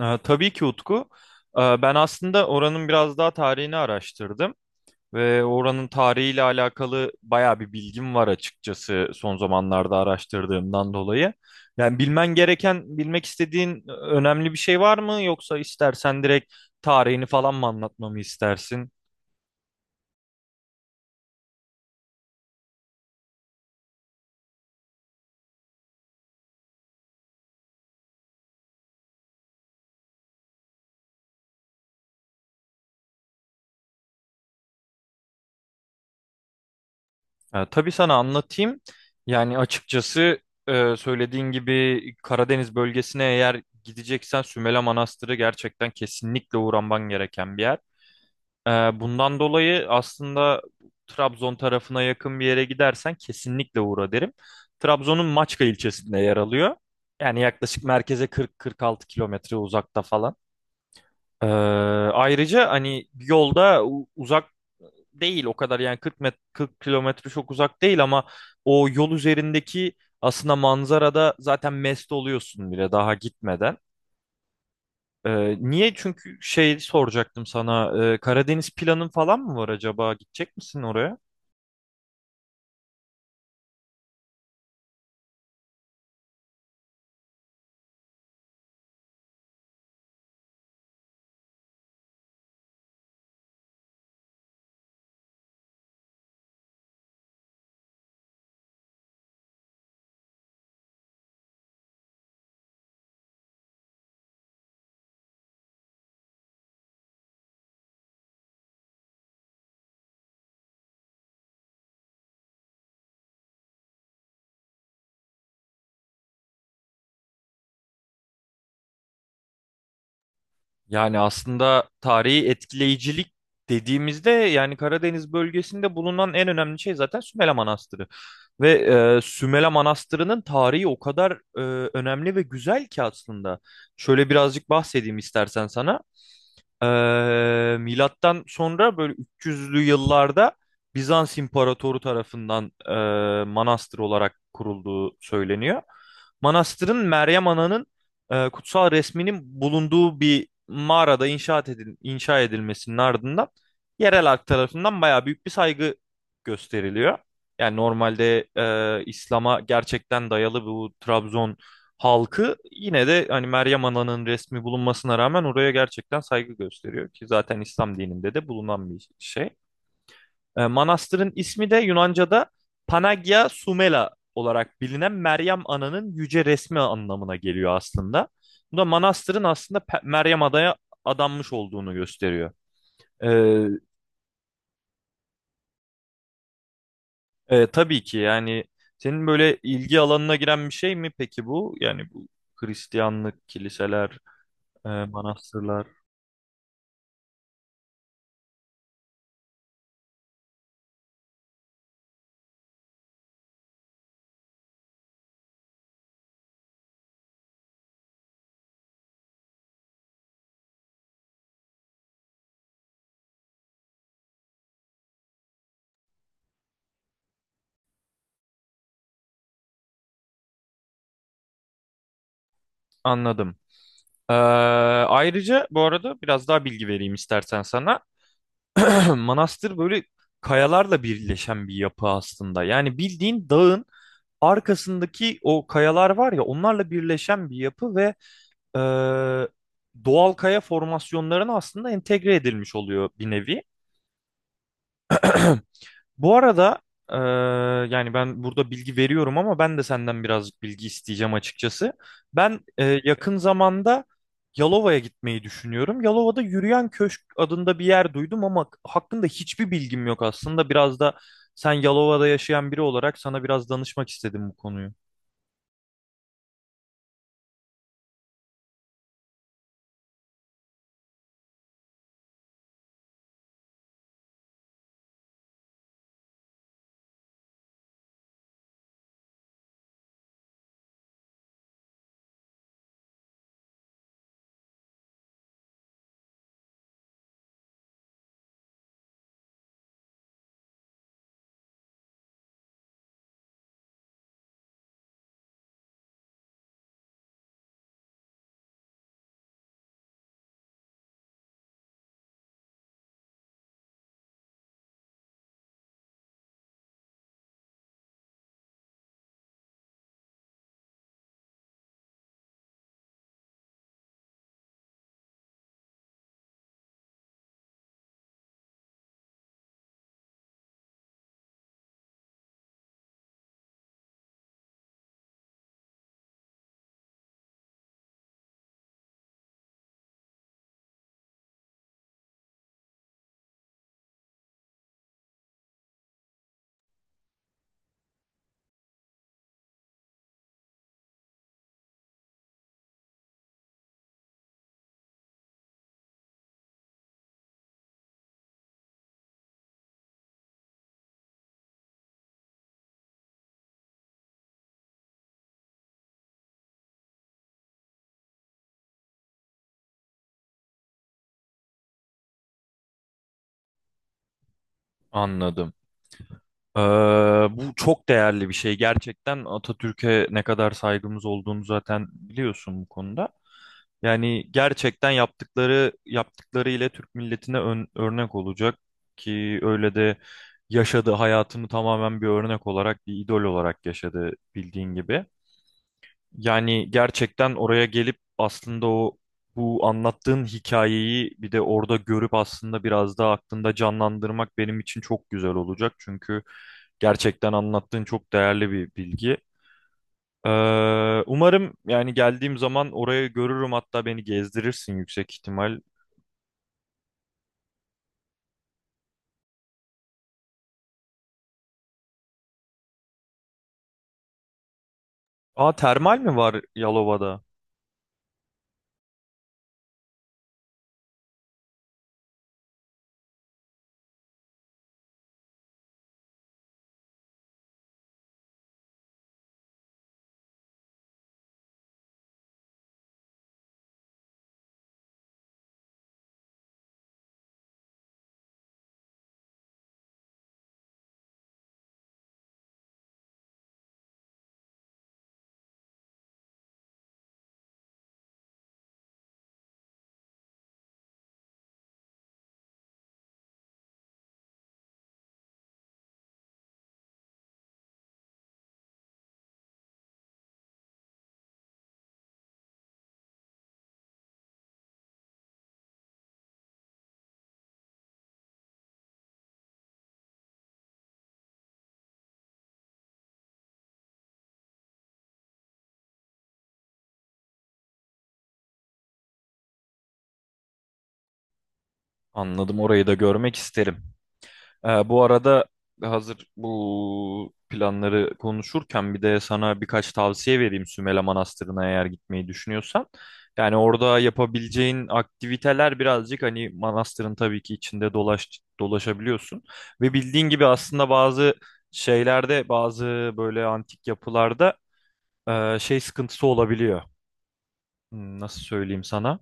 Tabii ki Utku. Ben aslında oranın biraz daha tarihini araştırdım ve oranın tarihiyle alakalı bayağı bir bilgim var, açıkçası son zamanlarda araştırdığımdan dolayı. Yani bilmen gereken, bilmek istediğin önemli bir şey var mı, yoksa istersen direkt tarihini falan mı anlatmamı istersin? Tabii, sana anlatayım. Yani açıkçası söylediğin gibi Karadeniz bölgesine eğer gideceksen Sümele Manastırı gerçekten kesinlikle uğraman gereken bir yer. Ee, Bundan dolayı aslında Trabzon tarafına yakın bir yere gidersen kesinlikle uğra derim. Trabzon'un Maçka ilçesinde yer alıyor. Yani yaklaşık merkeze 40-46 kilometre uzakta falan. Ee, Ayrıca hani yolda uzak değil o kadar, yani 40 40 kilometre çok uzak değil ama o yol üzerindeki aslında manzarada zaten mest oluyorsun bile, daha gitmeden. Niye? Çünkü şey soracaktım sana. Karadeniz planın falan mı var acaba? Gidecek misin oraya? Yani aslında tarihi etkileyicilik dediğimizde, yani Karadeniz bölgesinde bulunan en önemli şey zaten Sümele Manastırı. Ve Sümele Manastırı'nın tarihi o kadar önemli ve güzel ki aslında. Şöyle birazcık bahsedeyim istersen sana. Milattan sonra böyle 300'lü yıllarda Bizans İmparatoru tarafından manastır olarak kurulduğu söyleniyor. Manastırın Meryem Ana'nın kutsal resminin bulunduğu bir mağarada inşa edilmesinin ardından yerel halk tarafından bayağı büyük bir saygı gösteriliyor. Yani normalde İslam'a gerçekten dayalı bu Trabzon halkı, yine de hani Meryem Ana'nın resmi bulunmasına rağmen oraya gerçekten saygı gösteriyor ki zaten İslam dininde de bulunan bir şey. Manastırın ismi de Yunanca'da Panagia Sumela olarak bilinen Meryem Ana'nın yüce resmi anlamına geliyor aslında. Bu da manastırın aslında Meryem Ada'ya adanmış olduğunu gösteriyor. E, tabii ki yani, senin böyle ilgi alanına giren bir şey mi peki bu? Yani bu Hristiyanlık, kiliseler, manastırlar. Anladım. Ee, Ayrıca bu arada biraz daha bilgi vereyim istersen sana. Manastır böyle kayalarla birleşen bir yapı aslında. Yani bildiğin dağın arkasındaki o kayalar var ya, onlarla birleşen bir yapı ve e, doğal kaya formasyonlarına aslında entegre edilmiş oluyor bir nevi. Bu arada eee, yani ben burada bilgi veriyorum ama ben de senden birazcık bilgi isteyeceğim açıkçası. Ben yakın zamanda Yalova'ya gitmeyi düşünüyorum. Yalova'da Yürüyen Köşk adında bir yer duydum ama hakkında hiçbir bilgim yok aslında. Biraz da sen Yalova'da yaşayan biri olarak sana biraz danışmak istedim bu konuyu. Anladım. Eee, Bu çok değerli bir şey gerçekten. Atatürk'e ne kadar saygımız olduğunu zaten biliyorsun bu konuda. Yani gerçekten yaptıkları ile Türk milletine örnek olacak ki öyle de yaşadı, hayatını tamamen bir örnek olarak, bir idol olarak yaşadı bildiğin gibi. Yani gerçekten oraya gelip aslında o, bu anlattığın hikayeyi bir de orada görüp aslında biraz daha aklında canlandırmak benim için çok güzel olacak. Çünkü gerçekten anlattığın çok değerli bir bilgi. Umarım yani geldiğim zaman orayı görürüm, hatta beni gezdirirsin yüksek ihtimal. Aa, termal mi var Yalova'da? Anladım, orayı da görmek isterim. Bu arada hazır bu planları konuşurken bir de sana birkaç tavsiye vereyim Sümele Manastırı'na eğer gitmeyi düşünüyorsan. Yani orada yapabileceğin aktiviteler, birazcık hani manastırın tabii ki içinde dolaşabiliyorsun. Ve bildiğin gibi aslında bazı şeylerde, bazı böyle antik yapılarda şey sıkıntısı olabiliyor. Nasıl söyleyeyim sana?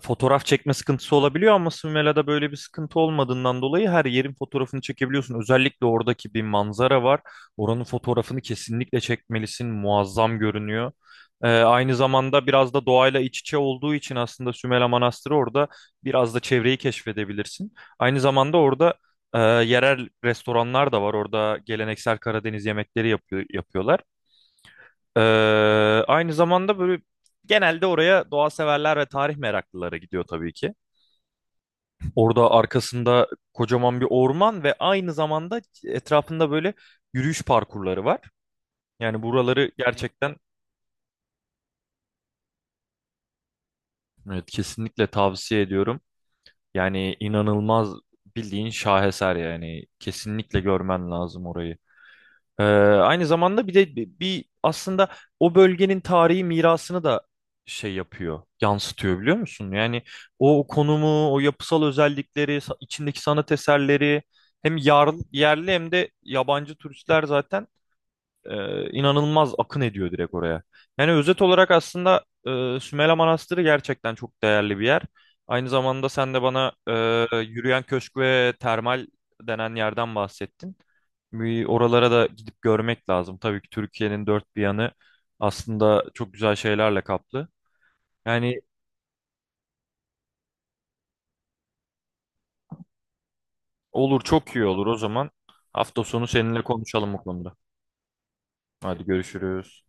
Fotoğraf çekme sıkıntısı olabiliyor ama Sümela'da böyle bir sıkıntı olmadığından dolayı her yerin fotoğrafını çekebiliyorsun. Özellikle oradaki bir manzara var. Oranın fotoğrafını kesinlikle çekmelisin. Muazzam görünüyor. Aynı zamanda biraz da doğayla iç içe olduğu için aslında Sümela Manastırı, orada biraz da çevreyi keşfedebilirsin. Aynı zamanda orada yerel restoranlar da var. Orada geleneksel Karadeniz yemekleri yapıyorlar. Ee, Aynı zamanda böyle genelde oraya doğa severler ve tarih meraklıları gidiyor tabii ki. Orada arkasında kocaman bir orman ve aynı zamanda etrafında böyle yürüyüş parkurları var. Yani buraları gerçekten, evet, kesinlikle tavsiye ediyorum. Yani inanılmaz, bildiğin şaheser, yani kesinlikle görmen lazım orayı. Aynı zamanda bir de bir aslında o bölgenin tarihi mirasını da yansıtıyor, biliyor musun? Yani o konumu, o yapısal özellikleri, içindeki sanat eserleri, hem yerli hem de yabancı turistler zaten inanılmaz akın ediyor direkt oraya. Yani özet olarak aslında Sümela Manastırı gerçekten çok değerli bir yer. Aynı zamanda sen de bana yürüyen köşk ve termal denen yerden bahsettin. Bir oralara da gidip görmek lazım. Tabii ki Türkiye'nin dört bir yanı aslında çok güzel şeylerle kaplı. Yani olur, çok iyi olur o zaman. Hafta sonu seninle konuşalım bu konuda. Hadi, görüşürüz.